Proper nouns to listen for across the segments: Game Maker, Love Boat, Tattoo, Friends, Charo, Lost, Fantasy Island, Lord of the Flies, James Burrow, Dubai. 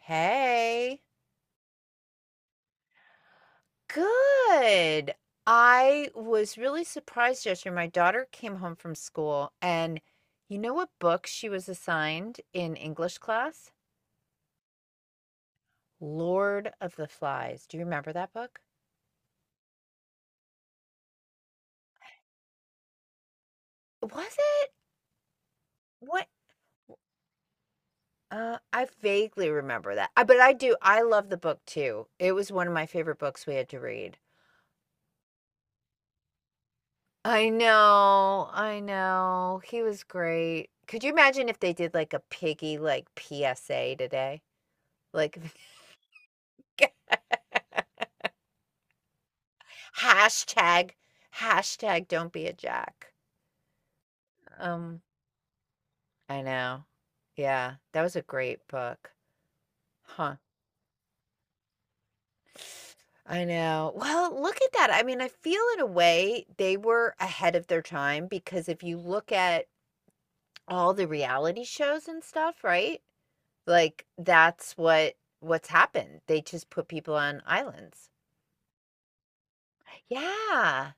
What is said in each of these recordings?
Hey. Good. I was really surprised yesterday. My daughter came home from school, and you know what book she was assigned in English class? Lord of the Flies. Do you remember that book? Was it? What? I vaguely remember that. But I do. I love the book too. It was one of my favorite books we had to read. I know, I know. He was great. Could you imagine if they did like a piggy like PSA today? Like hashtag hashtag don't be a jack. Um, I know. Yeah, that was a great book. Huh. I know. Well, look at that. I mean, I feel in a way they were ahead of their time because if you look at all the reality shows and stuff, right? Like that's what's happened. They just put people on islands. Yeah.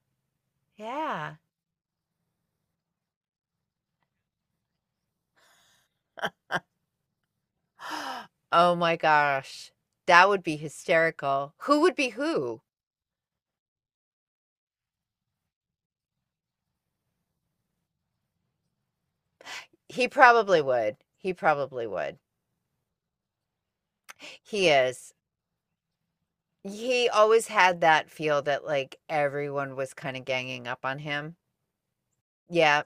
Yeah. Oh my gosh. That would be hysterical. Who would be who? He probably would. He probably would. He is. He always had that feel that like everyone was kind of ganging up on him. Yeah.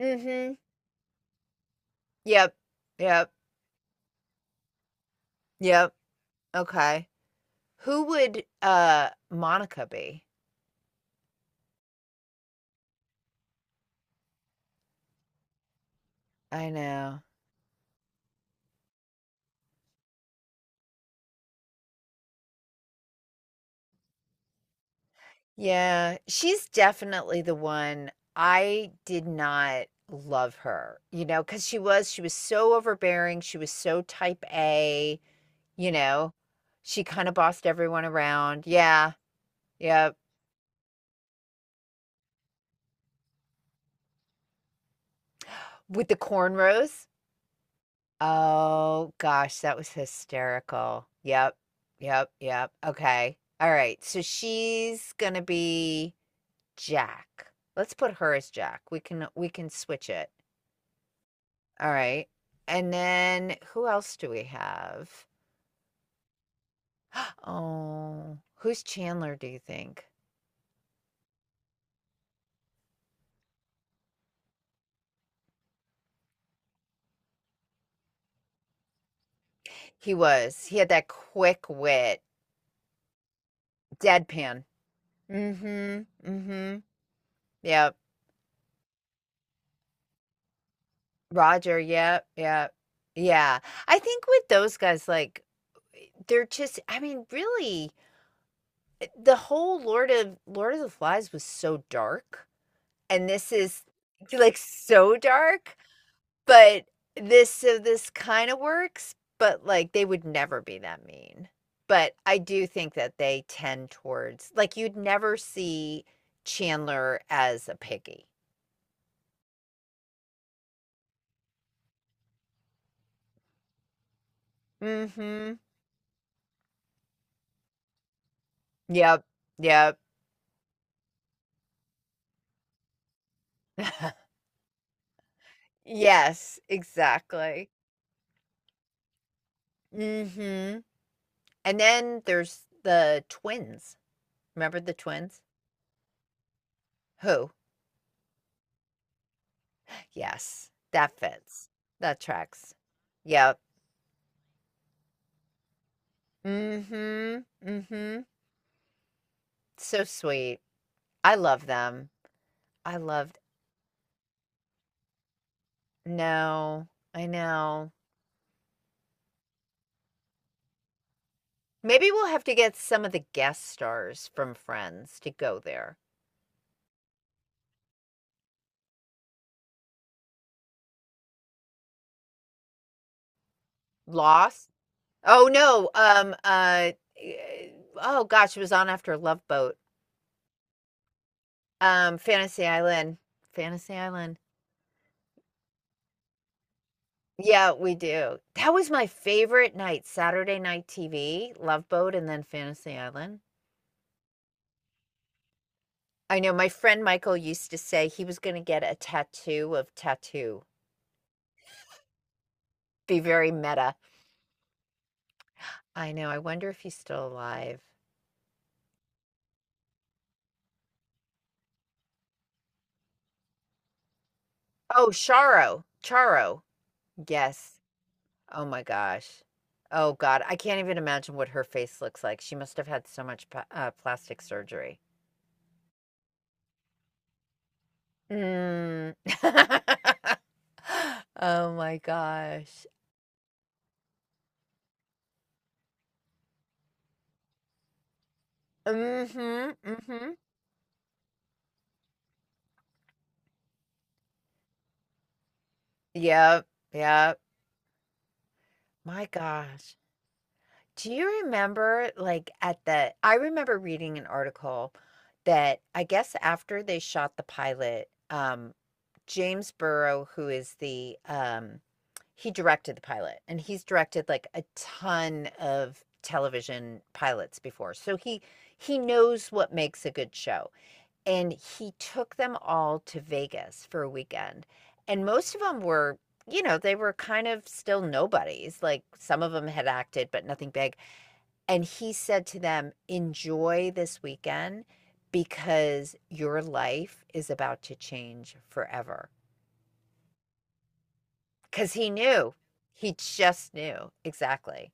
Mhm. Yep. Yep. Yep. Okay. Who would Monica be? I know. Yeah, she's definitely the one. I did not love her, because she was so overbearing, she was so type A, you know. She kinda bossed everyone around. Yeah, yeah. With the cornrows? Oh gosh, that was hysterical. Yep, yep, yep. Okay. Alright, so she's gonna be Jack. Let's put her as Jack. We can switch it. All right. And then who else do we have? Oh, who's Chandler, do you think? He was. He had that quick wit, deadpan. Mm-hmm. Mm-hmm. Yep. Roger. Yep. Yep. Yeah. I think with those guys, like, they're just, I mean, really, the whole Lord of the Flies was so dark. And this is like so dark. But this So this kinda works, but, like, they would never be that mean. But I do think that they tend towards like, you'd never see Chandler as a piggy. Mhm. Yep. Yep. Yes, exactly. Mhm. And then there's the twins. Remember the twins? Who? Yes, that fits. That tracks. Yep. Mhm. Mhm. So sweet. I love them. I loved No, I know. Maybe we'll have to get some of the guest stars from Friends to go there. Lost? Oh no. Eh, oh gosh, it was on after Love Boat. Fantasy Island. Fantasy Island. Yeah, we do. That was my favorite night, Saturday night TV, Love Boat and then Fantasy Island. I know my friend Michael used to say he was going to get a tattoo of tattoo. Be very meta. I know, I wonder if he's still alive. Oh, Charo, Charo. Yes. Oh my gosh. Oh God, I can't even imagine what her face looks like. She must have had so much pa plastic surgery. Mm. Oh my gosh. Mm-hmm. Mm-hmm. Yep. Yep. My gosh. Do you remember, like, I remember reading an article that I guess after they shot the pilot, James Burrow, who is the he directed the pilot, and he's directed like a ton of television pilots before. So he knows what makes a good show. And he took them all to Vegas for a weekend. And most of them were, they were kind of still nobodies. Like some of them had acted but nothing big. And he said to them, "Enjoy this weekend because your life is about to change forever." Because he knew, he just knew exactly.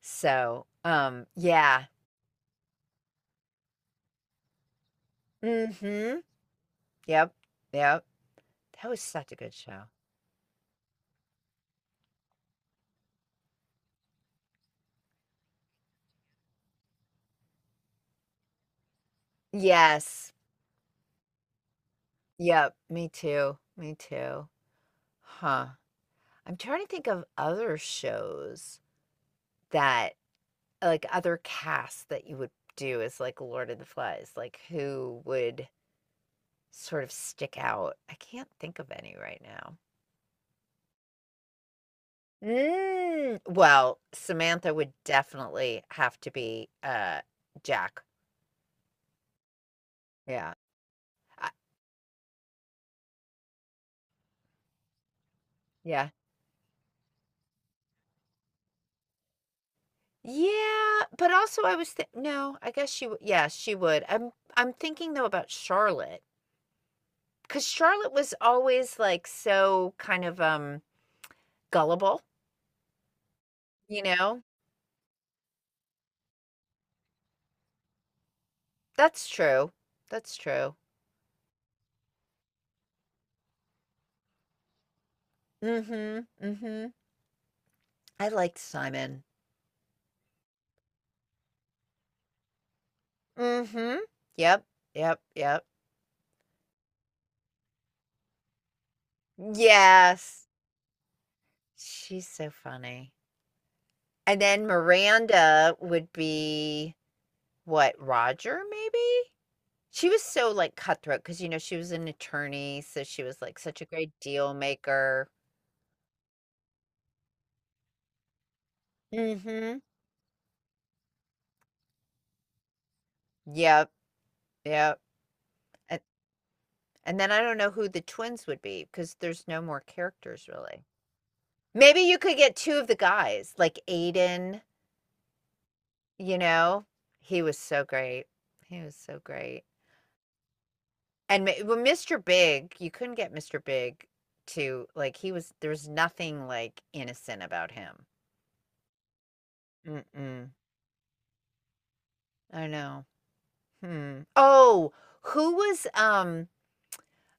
So, yeah. Mm-hmm. Yep. Yep. That was such a good show. Yes. Yep. Me too, me too. Huh. I'm trying to think of other shows that, like, other casts that you would do as like Lord of the Flies, like, who would sort of stick out. I can't think of any right now. Mm, well, Samantha would definitely have to be, Jack. Yeah. I Yeah. Yeah, but also I was thi no, I guess she w yeah, she would. I'm thinking though about Charlotte because Charlotte was always, like, so kind of, gullible, you know? That's true. That's true. Mhm, mhm. I liked Simon. Mhm. Yep, yep, yep. Yes. She's so funny. And then Miranda would be what, Roger maybe? She was so, like, cutthroat because she was an attorney, so she was, like, such a great deal maker. Mhm. Yep, yep. And and then I don't know who the twins would be because there's no more characters really. Maybe you could get two of the guys, like Aiden, you know? He was so great. He was so great. And well, Mr. Big, you couldn't get Mr. Big to, like he was there was nothing like innocent about him. Mm-mm. I know. Hmm. Oh, who was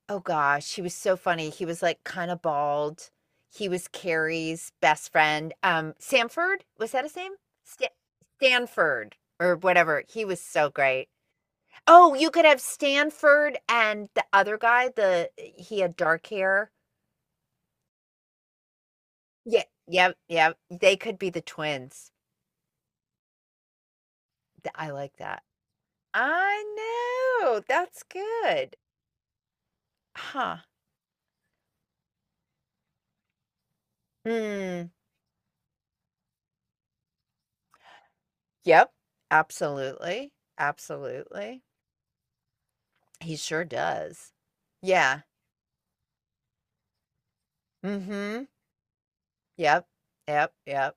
oh gosh, he was so funny. He was like kind of bald. He was Carrie's best friend. Samford, was that his name? Sta- Stanford or whatever. He was so great. Oh, you could have Stanford and the other guy, the he had dark hair. Yeah, yep, yep. They could be the twins. Th I like that. I know, that's good. Huh. Hmm. Yep, absolutely, absolutely. He sure does. Yeah, mhm, yep, yep, yep.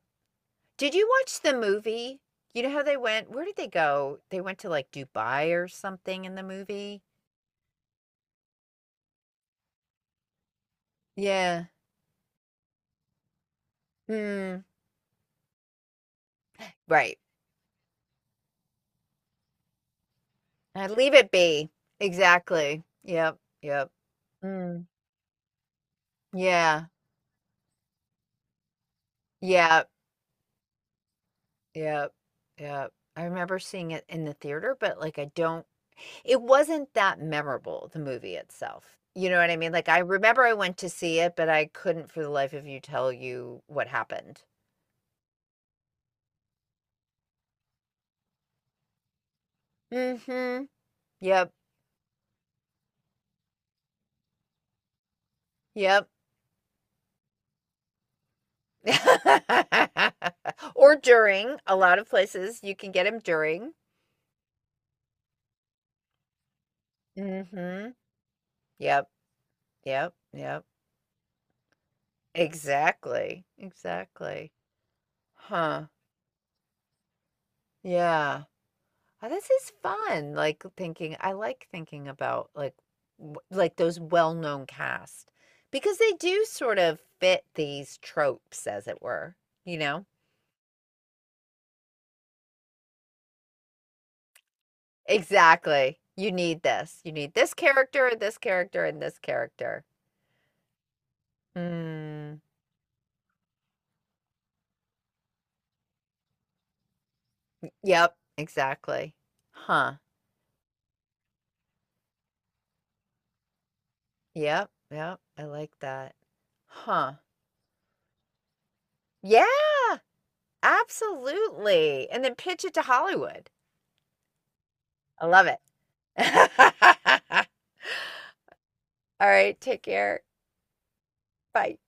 Did you watch the movie? You know how they went where did they go? They went to, like, Dubai or something in the movie? Yeah. Hmm. Right. I leave it be. Exactly. Yep, yep. Hmm. Yeah. Yeah. Yeah. Yeah. I remember seeing it in the theater, but like I don't it wasn't that memorable, the movie itself. You know what I mean? Like I remember I went to see it, but I couldn't for the life of you tell you what happened. Mhm. Yep. Yep. Or during. A lot of places you can get 'em during. Mhm. Yep. Yep. Yep. Exactly. Exactly. Huh. Yeah. Oh, this is fun. Like thinking, I like thinking about like like those well-known cast because they do sort of fit these tropes, as it were, you know? Exactly. You need this. You need this character and this character and this character. Mm. Yep, exactly. Huh. Yep, yep. I like that. Huh. Yeah, absolutely. And then pitch it to Hollywood. I love it. All right. Take care. Bye.